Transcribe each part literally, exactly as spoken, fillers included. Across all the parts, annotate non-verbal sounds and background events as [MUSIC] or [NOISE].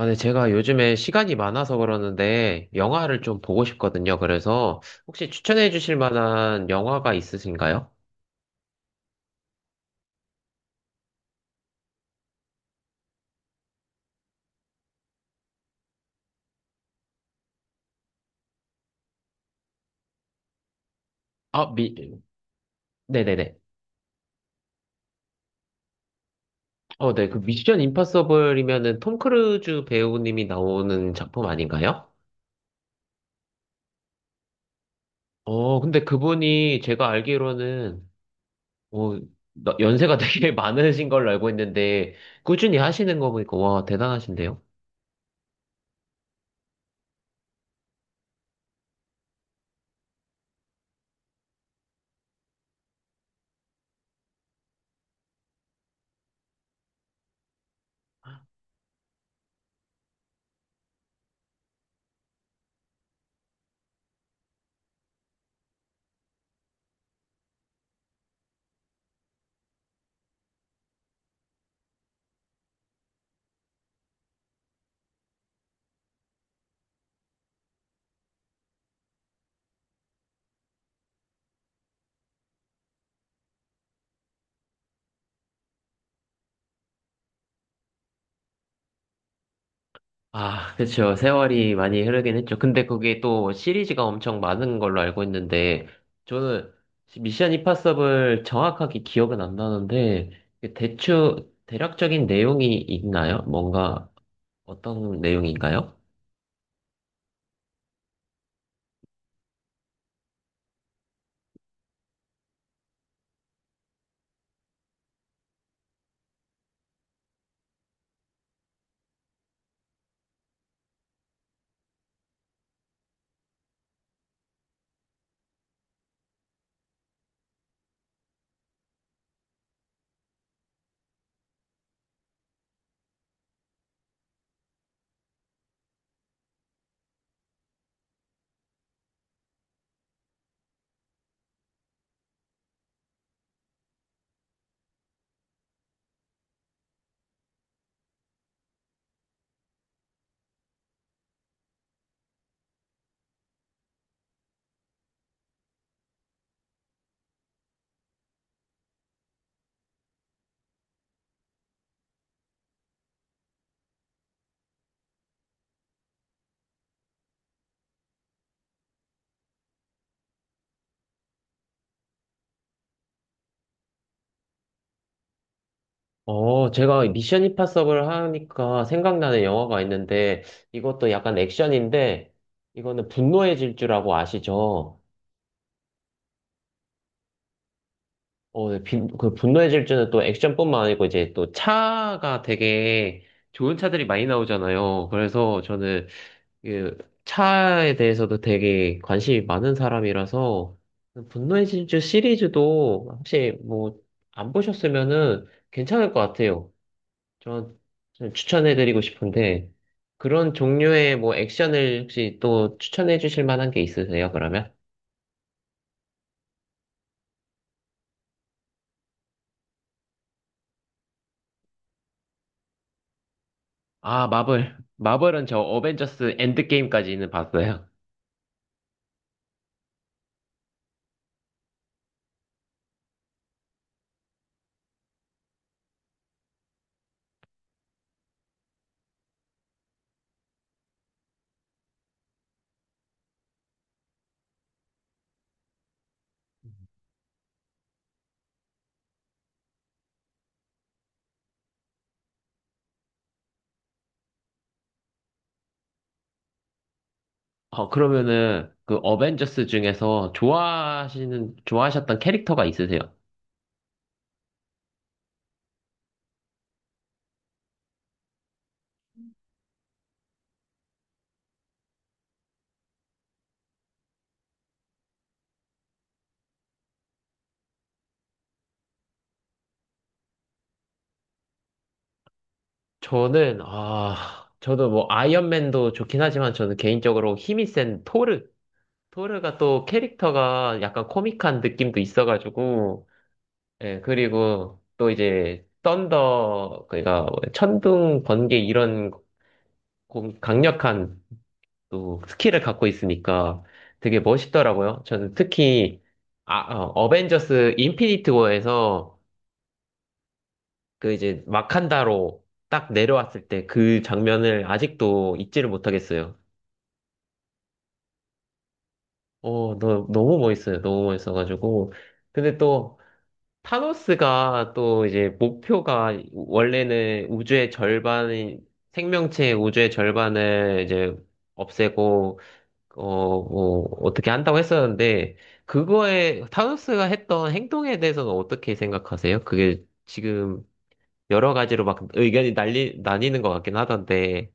아, 네, 제가 요즘에 시간이 많아서 그러는데 영화를 좀 보고 싶거든요. 그래서 혹시 추천해 주실 만한 영화가 있으신가요? 아, 미, 네네네. 어, 네, 그 미션 임파서블이면은 톰 크루즈 배우님이 나오는 작품 아닌가요? 어, 근데 그분이 제가 알기로는 어, 나- 연세가 [LAUGHS] 되게 많으신 걸로 알고 있는데 꾸준히 하시는 거 보니까 와, 대단하신데요? 아, 그쵸. 세월이 많이 흐르긴 했죠. 근데 그게 또 시리즈가 엄청 많은 걸로 알고 있는데, 저는 미션 임파서블 정확하게 기억은 안 나는데, 대충, 대략적인 내용이 있나요? 뭔가, 어떤 내용인가요? 어, 제가 미션 임파서블 하니까 생각나는 영화가 있는데, 이것도 약간 액션인데, 이거는 분노의 질주라고 아시죠? 어, 네, 빈, 그 분노의 질주는 또 액션뿐만 아니고 이제 또 차가 되게 좋은 차들이 많이 나오잖아요. 그래서 저는 그 차에 대해서도 되게 관심이 많은 사람이라서 분노의 질주 시리즈도 혹시 뭐 안 보셨으면은 괜찮을 것 같아요. 저는 추천해드리고 싶은데 그런 종류의 뭐 액션을 혹시 또 추천해 주실 만한 게 있으세요, 그러면? 아, 마블. 마블은 저 어벤져스 엔드게임까지는 봤어요. 어, 그러면은 그 어벤져스 중에서 좋아하시는, 좋아하셨던 캐릭터가 있으세요? 저는, 아, 저도 뭐, 아이언맨도 좋긴 하지만 저는 개인적으로 힘이 센 토르. 토르가 또 캐릭터가 약간 코믹한 느낌도 있어가지고, 예, 그리고 또 이제, 썬더, 그니까, 뭐 천둥, 번개 이런 공- 강력한 또 스킬을 갖고 있으니까 되게 멋있더라고요. 저는 특히, 아, 어, 어벤져스 인피니트 워에서 그 이제 마칸다로 딱 내려왔을 때 그 장면을 아직도 잊지를 못하겠어요. 어, 너, 너무 멋있어요. 너무 멋있어가지고. 근데 또 타노스가 또 이제 목표가 원래는 우주의 절반이 생명체의 우주의 절반을 이제 없애고 어, 뭐 어떻게 한다고 했었는데 그거에 타노스가 했던 행동에 대해서는 어떻게 생각하세요? 그게 지금 여러 가지로 막 의견이 날리, 나뉘는 것 같긴 하던데,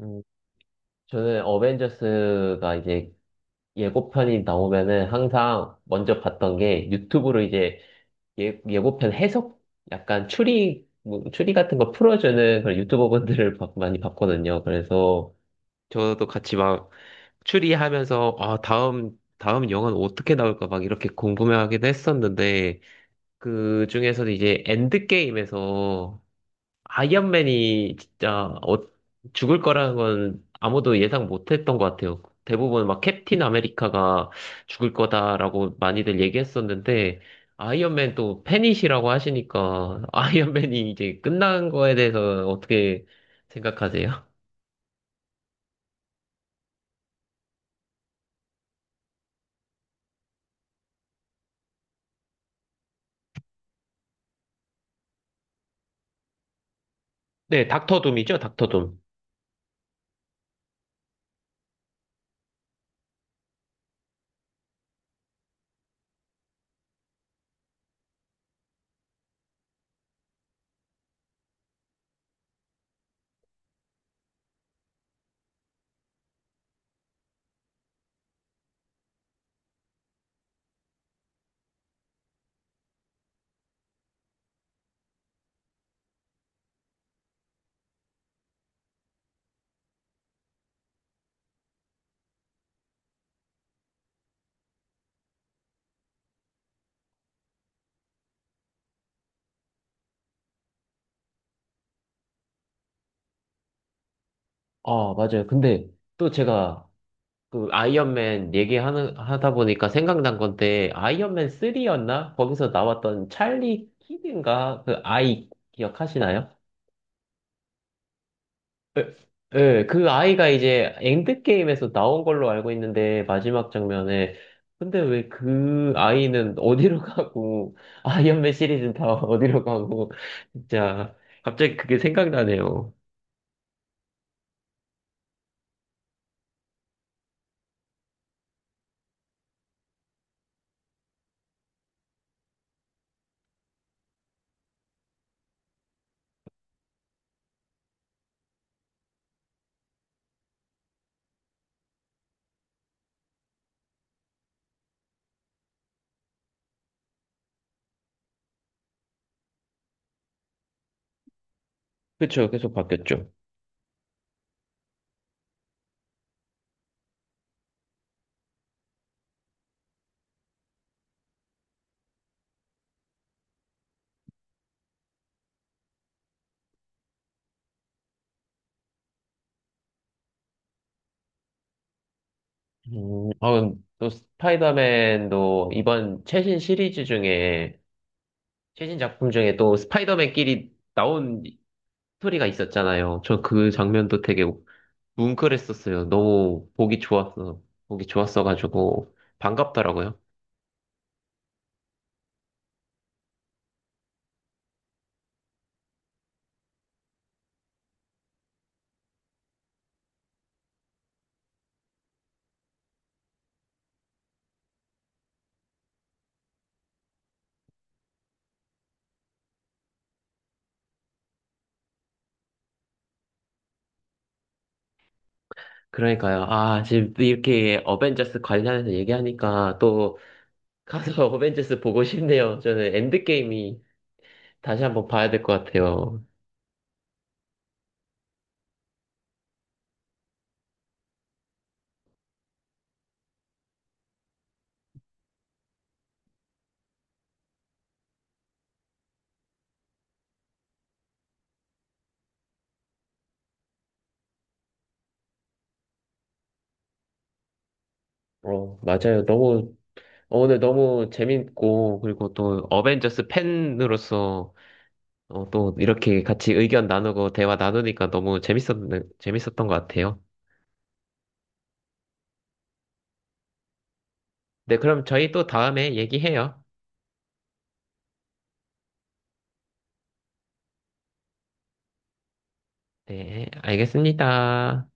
음, 저는 어벤져스가 이제 예고편이 나오면은 항상 먼저 봤던 게 유튜브로 이제 예, 예고편 해석, 약간 추리, 뭐, 추리 같은 거 풀어주는 그런 유튜버분들을 봐- [LAUGHS] 많이 봤거든요. 그래서 저도 같이 막 추리하면서, 아, 다음, 다음 영화는 어떻게 나올까 막 이렇게 궁금해하기도 했었는데, 그 중에서도 이제 엔드게임에서 아이언맨이 진짜 어- 죽을 거라는 건 아무도 예상 못 했던 것 같아요. 대부분 막 캡틴 아메리카가 죽을 거다라고 많이들 얘기했었는데, 아이언맨 또 팬이시라고 하시니까, [LAUGHS] 아이언맨이 이제 끝난 거에 대해서 어떻게 생각하세요? 네, 닥터 둠이죠, 닥터 둠. 아, 맞아요. 근데 또 제가 그 아이언맨 얘기하는 하다 보니까 생각난 건데 아이언맨 삼이었나? 거기서 나왔던 찰리 키드인가? 그 아이 기억하시나요? 예, 예, 그 아이가 이제 엔드게임에서 나온 걸로 알고 있는데 마지막 장면에 근데 왜 그 아이는 어디로 가고 [LAUGHS] 아이언맨 시리즈는 다 어디로 가고 진짜 갑자기 그게 생각나네요. 그쵸, 계속 바뀌었죠. 음, 어, 또 스파이더맨도 이번 최신 시리즈 중에 최신 작품 중에 또 스파이더맨끼리 나온 스토리가 있었잖아요. 저 그 장면도 되게 뭉클했었어요. 너무 보기 좋았어. 보기 좋았어가지고 반갑더라고요. 그러니까요. 아, 지금 또 이렇게 어벤져스 관련해서 얘기하니까 또 가서 [LAUGHS] 어벤져스 보고 싶네요. 저는 엔드게임이 다시 한번 봐야 될 것 같아요. 어, 맞아요. 너무, 오늘 너무 재밌고, 그리고 또 어벤져스 팬으로서 어, 또 이렇게 같이 의견 나누고 대화 나누니까 너무 재밌었 재밌었던 것 같아요. 네, 그럼 저희 또 다음에 얘기해요. 네, 알겠습니다.